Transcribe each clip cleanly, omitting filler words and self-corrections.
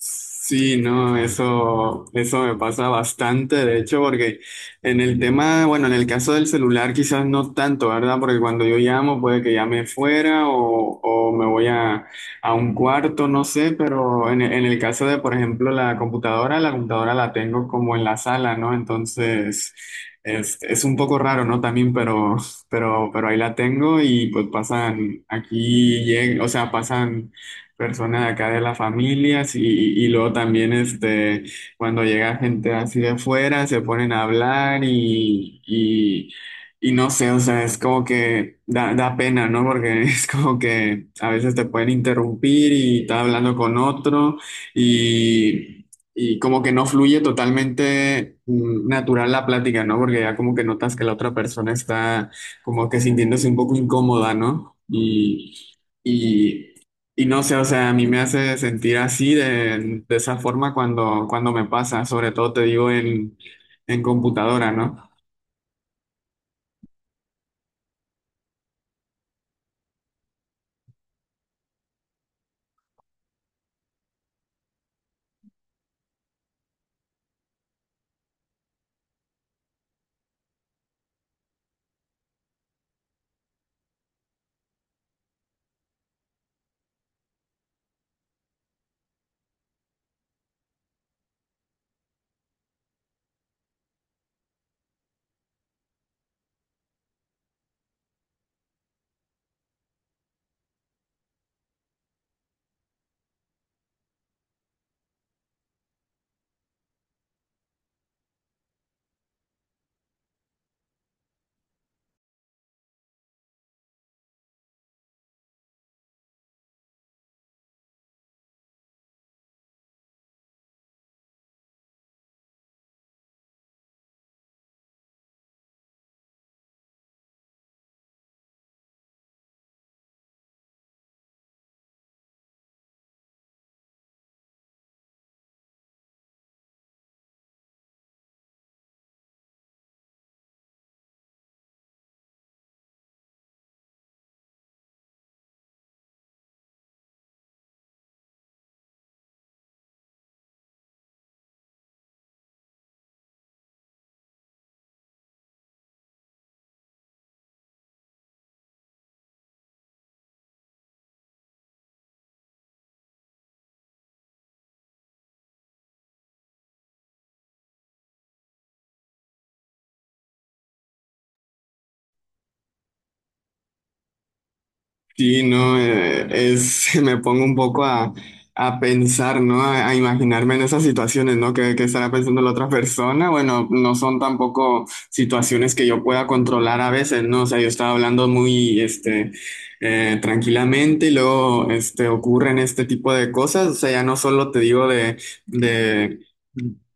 Sí, no, eso me pasa bastante, de hecho, porque en el tema, bueno, en el caso del celular quizás no tanto, ¿verdad? Porque cuando yo llamo puede que llame fuera o me voy a un cuarto, no sé, pero en el caso de, por ejemplo, la computadora, la computadora la tengo como en la sala, ¿no? Entonces, es un poco raro, ¿no? También, pero ahí la tengo y pues pasan, aquí, o sea, pasan personas de acá de las familias y luego también cuando llega gente así de fuera se ponen a hablar y no sé, o sea, es como que da, da pena, ¿no? Porque es como que a veces te pueden interrumpir y estás hablando con otro y, y como que no fluye totalmente natural la plática, ¿no? Porque ya como que notas que la otra persona está como que sintiéndose un poco incómoda, ¿no? Y... Y, y no sé, o sea, a mí me hace sentir así de esa forma cuando, cuando me pasa, sobre todo te digo en computadora, ¿no? Sí, no, es, me pongo un poco a pensar, ¿no? A imaginarme en esas situaciones, ¿no? Que estará pensando la otra persona. Bueno, no son tampoco situaciones que yo pueda controlar a veces, ¿no? O sea, yo estaba hablando muy, tranquilamente y luego, este, ocurren este tipo de cosas. O sea, ya no solo te digo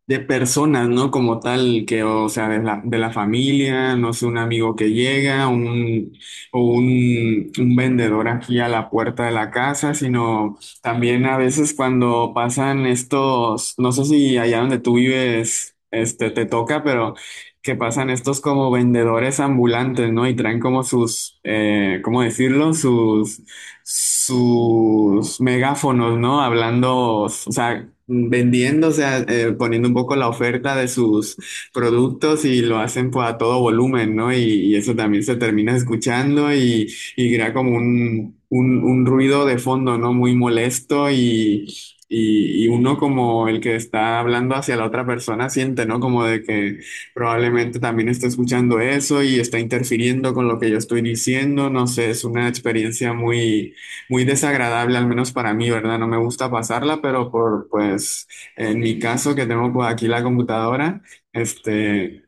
de personas, ¿no? Como tal, que, o sea, de la familia, no sé, un amigo que llega, un o un vendedor aquí a la puerta de la casa, sino también a veces cuando pasan estos, no sé si allá donde tú vives, este, te toca, pero que pasan estos como vendedores ambulantes, ¿no? Y traen como sus, ¿cómo decirlo? Sus megáfonos, ¿no? Hablando, o sea, vendiendo, o sea, poniendo un poco la oferta de sus productos y lo hacen pues, a todo volumen, ¿no? Y eso también se termina escuchando y crea como un ruido de fondo, ¿no? Muy molesto y uno como el que está hablando hacia la otra persona siente, ¿no? Como de que probablemente también está escuchando eso y está interfiriendo con lo que yo estoy diciendo, no sé, es una experiencia muy desagradable, al menos para mí, ¿verdad? No me gusta pasarla, pero por, pues, en mi caso que tengo pues, aquí la computadora. Este,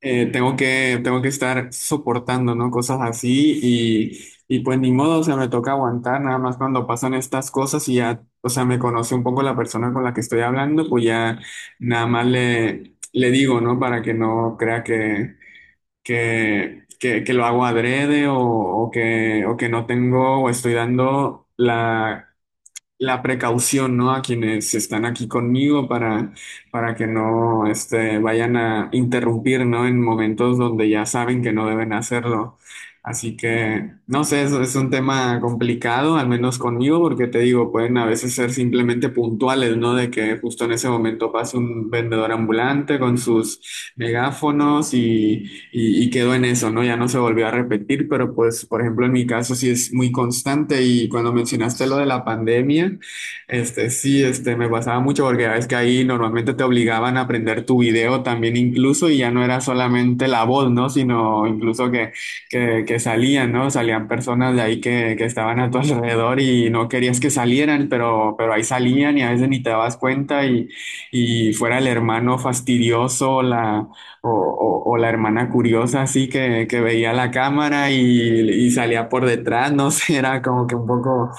tengo tengo que estar soportando, ¿no? Cosas así y pues ni modo, o sea, me toca aguantar, nada más cuando pasan estas cosas y ya, o sea, me conoce un poco la persona con la que estoy hablando, pues ya nada más le digo, ¿no? Para que no crea que lo hago adrede o que no tengo o estoy dando la la precaución, ¿no? A quienes están aquí conmigo para que no este, vayan a interrumpir, ¿no? En momentos donde ya saben que no deben hacerlo. Así que, no sé, eso es un tema complicado, al menos conmigo, porque te digo, pueden a veces ser simplemente puntuales, ¿no? De que justo en ese momento pase un vendedor ambulante con sus megáfonos y quedó en eso, ¿no? Ya no se volvió a repetir, pero pues, por ejemplo, en mi caso sí es muy constante y cuando mencionaste lo de la pandemia, este, sí, este, me pasaba mucho porque ya ves que ahí normalmente te obligaban a aprender tu video también incluso y ya no era solamente la voz, ¿no? Sino incluso que salían, ¿no? Salían personas de ahí que estaban a tu alrededor y no querías que salieran, pero ahí salían y a veces ni te dabas cuenta y fuera el hermano fastidioso, la o la hermana curiosa así que veía la cámara y salía por detrás, no sé, era como que un poco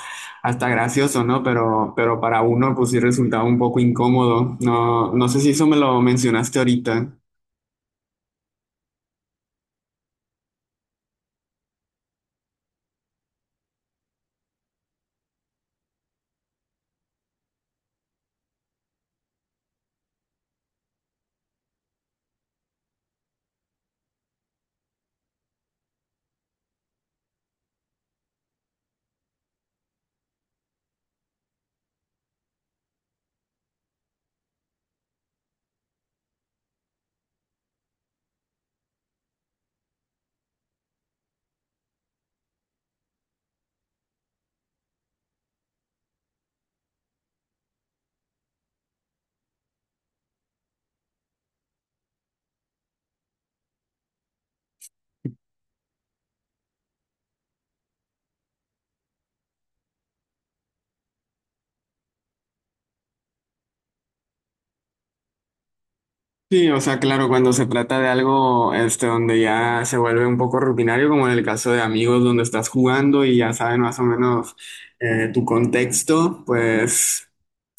hasta gracioso, ¿no? Pero para uno pues sí resultaba un poco incómodo. No, no sé si eso me lo mencionaste ahorita. Sí, o sea, claro, cuando se trata de algo este, donde ya se vuelve un poco rutinario, como en el caso de amigos donde estás jugando y ya saben más o menos tu contexto, pues...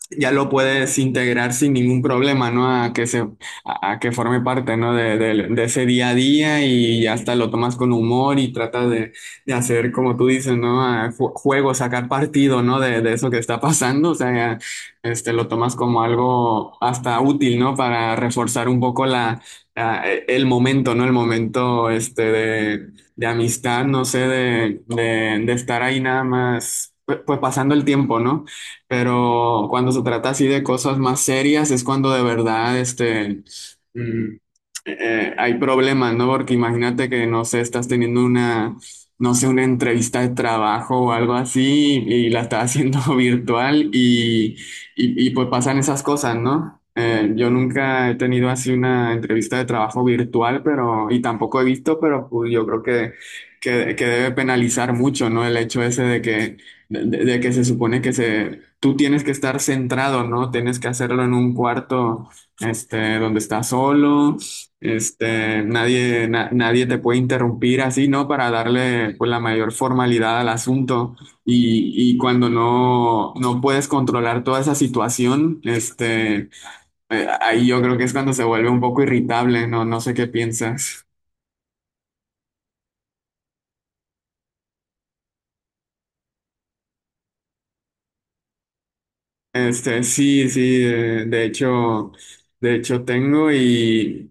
ya lo puedes integrar sin ningún problema, ¿no? A que forme parte, ¿no? De ese día a día y ya hasta lo tomas con humor y tratas de hacer, como tú dices, ¿no? Juego, sacar partido, ¿no? De eso que está pasando, o sea, este, lo tomas como algo hasta útil, ¿no? Para reforzar un poco el momento, ¿no? El momento, este, de amistad, no sé, de estar ahí nada más, pues, pasando el tiempo, ¿no? Pero cuando se trata así de cosas más serias es cuando de verdad mm, hay problemas, ¿no? Porque imagínate que, no sé, estás teniendo no sé, una entrevista de trabajo o algo así y, la estás haciendo virtual y, pues pasan esas cosas, ¿no? Yo nunca he tenido así una entrevista de trabajo virtual, pero, y tampoco he visto, pero pues, yo creo que debe penalizar mucho, ¿no? El hecho ese de que de que se supone que se, tú tienes que estar centrado, ¿no? Tienes que hacerlo en un cuarto, este, donde estás solo, este, nadie te puede interrumpir así, ¿no? Para darle, pues, la mayor formalidad al asunto. Y cuando no puedes controlar toda esa situación, ahí yo creo que es cuando se vuelve un poco irritable, ¿no? No sé qué piensas. Sí, sí, de hecho tengo y...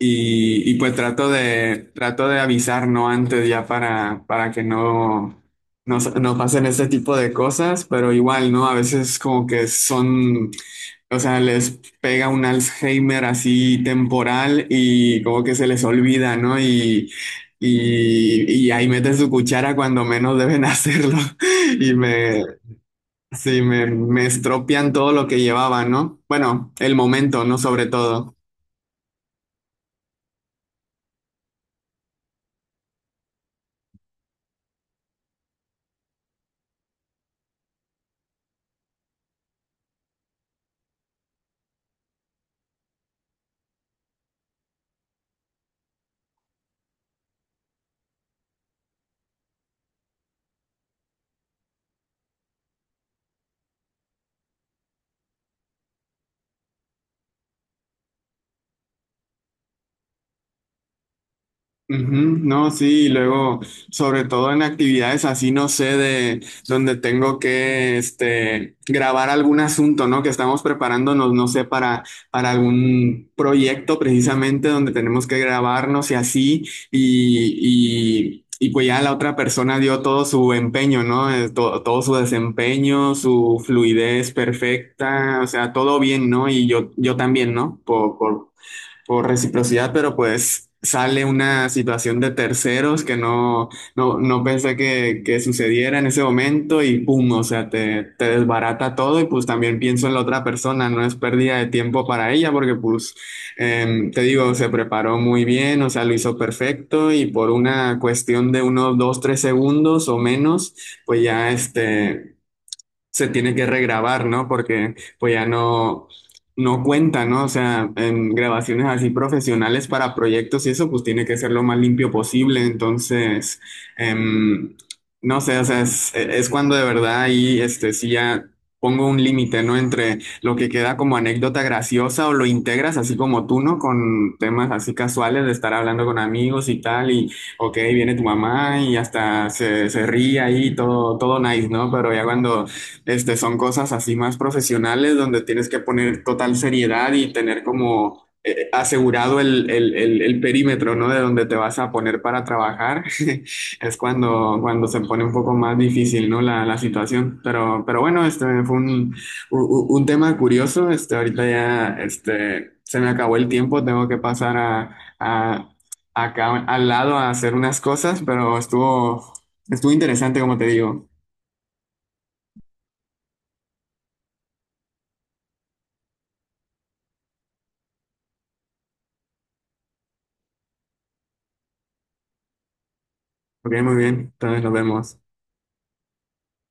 Y, y pues trato de avisar, ¿no? Antes ya para que no pasen este tipo de cosas, pero igual, ¿no? A veces como que son, o sea, les pega un Alzheimer así temporal y como que se les olvida, ¿no? Y ahí meten su cuchara cuando menos deben hacerlo. y me, sí, me estropean todo lo que llevaba, ¿no? Bueno, el momento, ¿no? Sobre todo. Ujú. No, sí, y luego, sobre todo en actividades así, no sé, de donde tengo que, este, grabar algún asunto, ¿no? Que estamos preparándonos, no sé, para algún proyecto precisamente donde tenemos que grabarnos y así, y pues ya la otra persona dio todo su empeño, ¿no? Todo su desempeño, su fluidez perfecta, o sea, todo bien, ¿no? Y yo también, ¿no? Por reciprocidad, pero pues sale una situación de terceros que no pensé que sucediera en ese momento y pum, o sea, te desbarata todo y pues también pienso en la otra persona, no es pérdida de tiempo para ella porque pues te digo, se preparó muy bien, o sea, lo hizo perfecto y por una cuestión de unos dos, tres segundos o menos, pues ya este se tiene que regrabar, ¿no? Porque pues ya no cuenta, ¿no? O sea, en grabaciones así profesionales para proyectos y eso, pues tiene que ser lo más limpio posible. Entonces, em, no sé, o sea, es cuando de verdad ahí, este, sí ya pongo un límite, ¿no? Entre lo que queda como anécdota graciosa o lo integras así como tú, ¿no? Con temas así casuales de estar hablando con amigos y tal y... Ok, viene tu mamá y hasta se ríe ahí, todo, todo nice, ¿no? Pero ya cuando este, son cosas así más profesionales donde tienes que poner total seriedad y tener como asegurado el perímetro, ¿no? De donde te vas a poner para trabajar. Es cuando, cuando se pone un poco más difícil, ¿no? La situación. Pero bueno, este fue un tema curioso. Este, ahorita ya, este, se me acabó el tiempo. Tengo que pasar a, acá al lado a hacer unas cosas, pero estuvo, estuvo interesante, como te digo. Ok, muy bien. Entonces nos vemos.